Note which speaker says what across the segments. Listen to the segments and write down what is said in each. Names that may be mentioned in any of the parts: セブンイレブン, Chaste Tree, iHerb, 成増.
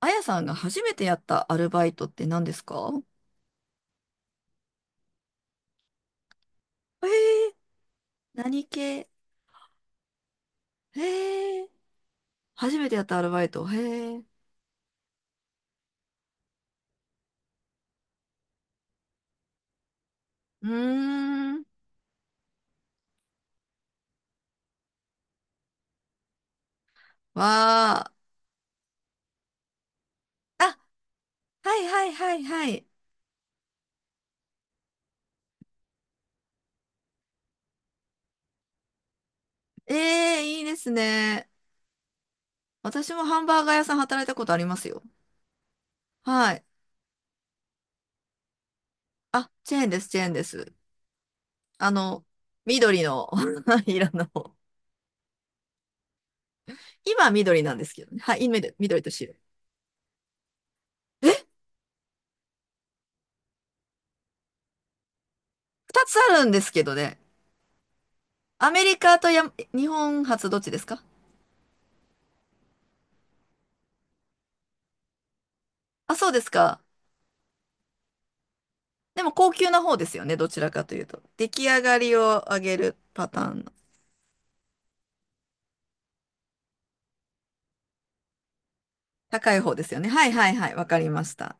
Speaker 1: あやさんが初めてやったアルバイトって何ですか？えー、何系？えー、初めてやったアルバイト。へえ。うーん。わー。あ、はいはいはいはい。えー、いいですね。私もハンバーガー屋さん働いたことありますよ。はい。あ、チェーンです、チェーンです。あの、緑の 色の。今は緑なんですけどね。はい、今緑と白。え、二つあるんですけどね。アメリカとや、日本初どっちですか？あ、そうですか。でも高級な方ですよね。どちらかというと。出来上がりを上げるパターンの。高い方ですよね。はいはいはい。わかりました。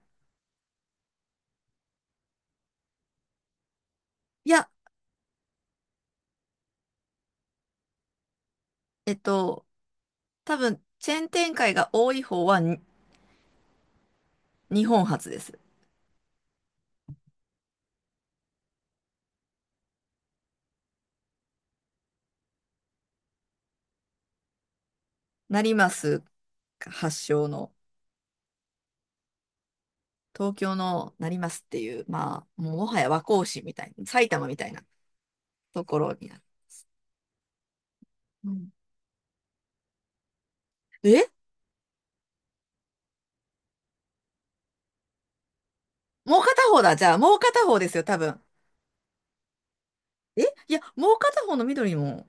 Speaker 1: いや、えっと、多分、チェーン展開が多い方はに日本発です。成増発祥の、東京の成増っていう、まあ、もうもはや和光市みたいな、埼玉みたいなところになる。うん。え、もう片方だ。じゃあ、もう片方ですよ、多分。え、いや、もう片方の緑も。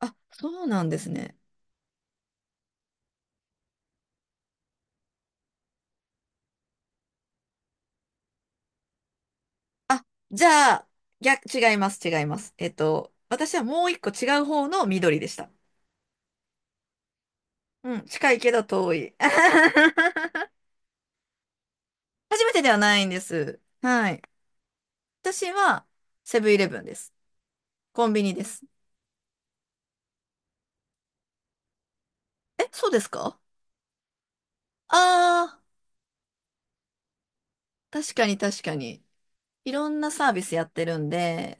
Speaker 1: あ、そうなんですね。あ、じゃあ、逆、違います、違います。えっと、私はもう一個違う方の緑でした。うん、近いけど遠い。初めてではないんです。はい。私は、セブンイレブンです。コンビニです。え、そうですか？ああー、確かに確かに。いろんなサービスやってるんで、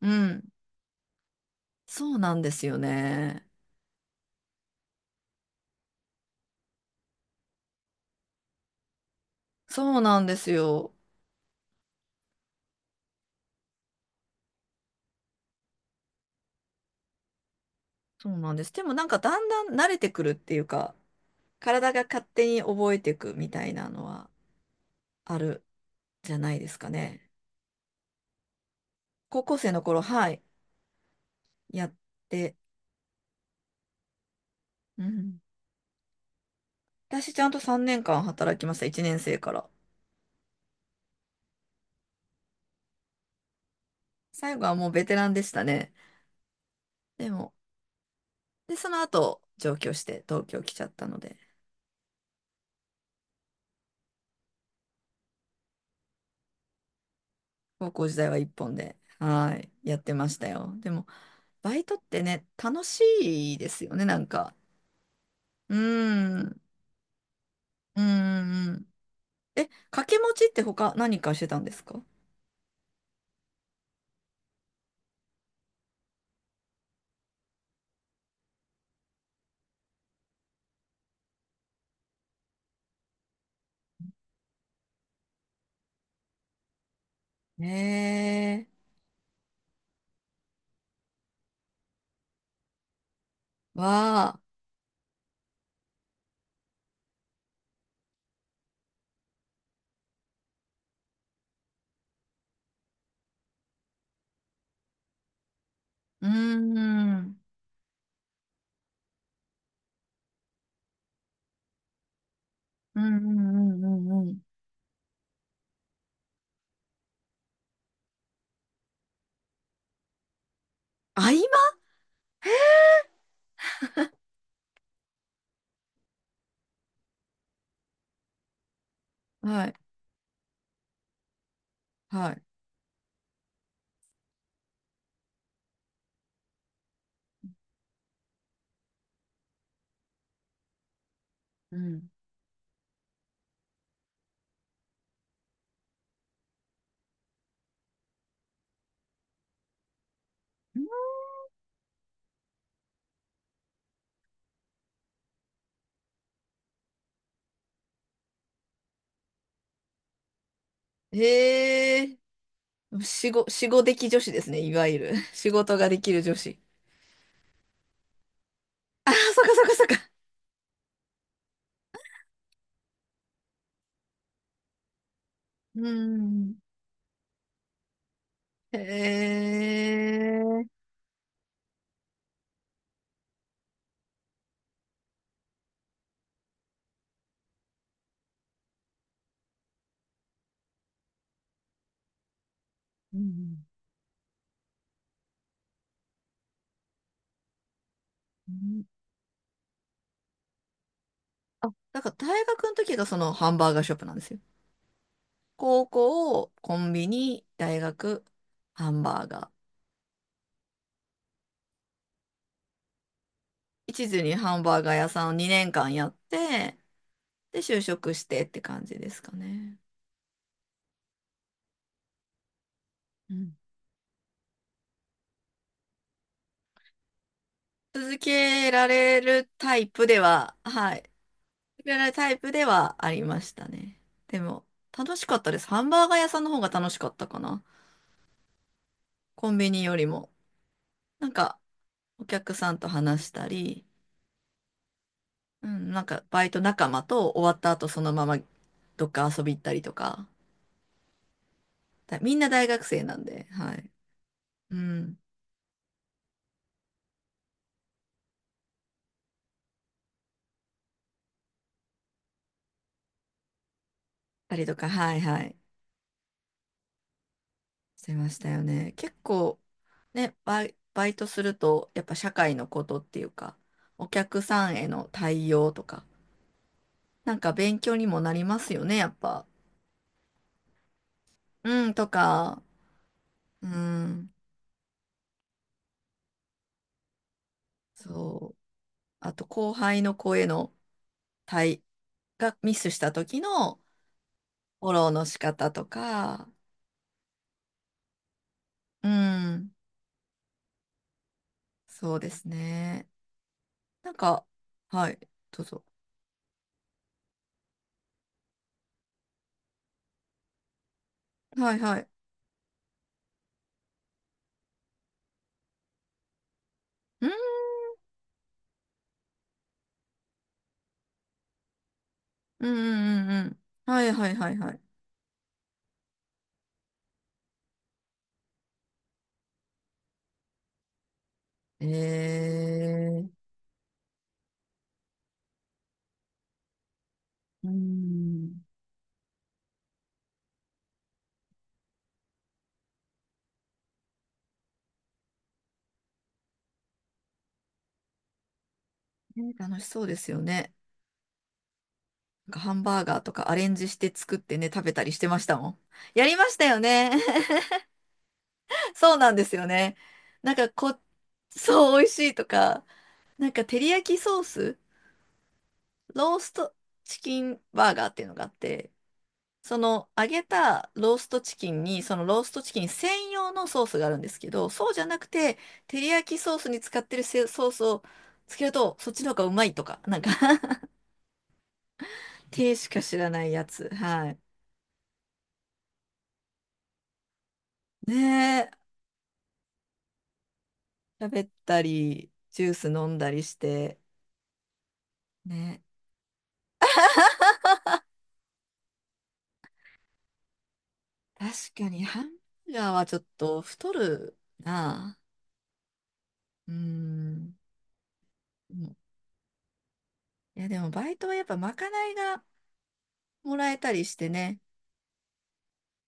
Speaker 1: うん、そうなんですよね。そうなんですよ。そうなんです。でもなんかだんだん慣れてくるっていうか、体が勝手に覚えていくみたいなのはあるじゃないですかね。高校生の頃、はい、やって、うん。私ちゃんと3年間働きました、1年生から。最後はもうベテランでしたね。でも、で、その後、上京して東京来ちゃったので、高校時代は一本で、はい、やってましたよ。でも、バイトってね、楽しいですよね、なんか。うーん、うーん。え、掛け持ちって他何かしてたんですか？えー、わー、うーん。うんうんうんうんうん。合間。はい、はい。うん。へえ、仕事、仕事的女子ですね、いわゆる。仕事ができる女子。ああ、そっかそっかそっか。うん。へえ。うん。うん。あ、だから大学の時がそのハンバーガーショップなんですよ。高校、コンビニ、大学、ハンバーガー。一途にハンバーガー屋さんを2年間やって、で、就職してって感じですかね。うん。続けられるタイプでは、はい。続けられるタイプではありましたね。でも、楽しかったです。ハンバーガー屋さんの方が楽しかったかな。コンビニよりも。なんか、お客さんと話したり、うん、なんか、バイト仲間と終わった後そのままどっか遊び行ったりとか。だみんな大学生なんで、はい。うん。ありとか、はいはい。してましたよね。結構、ね、バイトすると、やっぱ社会のことっていうか、お客さんへの対応とか、なんか勉強にもなりますよね、やっぱ。うん、とか、うん、そう。あと、後輩の子への対、がミスした時のフォローの仕方とか、うん、そうですね。なんか、はい、どうぞ。はいはい。うん、うん、うん、うん。うん。はいはいはいはい。えー、うん。ね、楽しそうですよね。なんかハンバーガーとかアレンジして作ってね、食べたりしてましたもん。やりましたよね。そうなんですよね。なんかこ、そう、美味しいとか、なんか照り焼きソース、ローストチキンバーガーっていうのがあって、その揚げたローストチキンに、そのローストチキン専用のソースがあるんですけど、そうじゃなくて、照り焼きソースに使ってるせソースをつけると、そっちの方がうまいとか、なんか 手しか知らないやつ。はい。ねえ、喋ったり、ジュース飲んだりして。ね。確かにハンバーガーはちょっと太るな。うーん。いや、でもバイトはやっぱまかないがもらえたりしてね。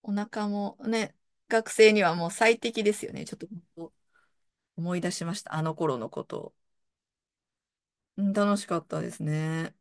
Speaker 1: お腹もね、学生にはもう最適ですよね。ちょっと思い出しました。あの頃のことを。うん、楽しかったですね。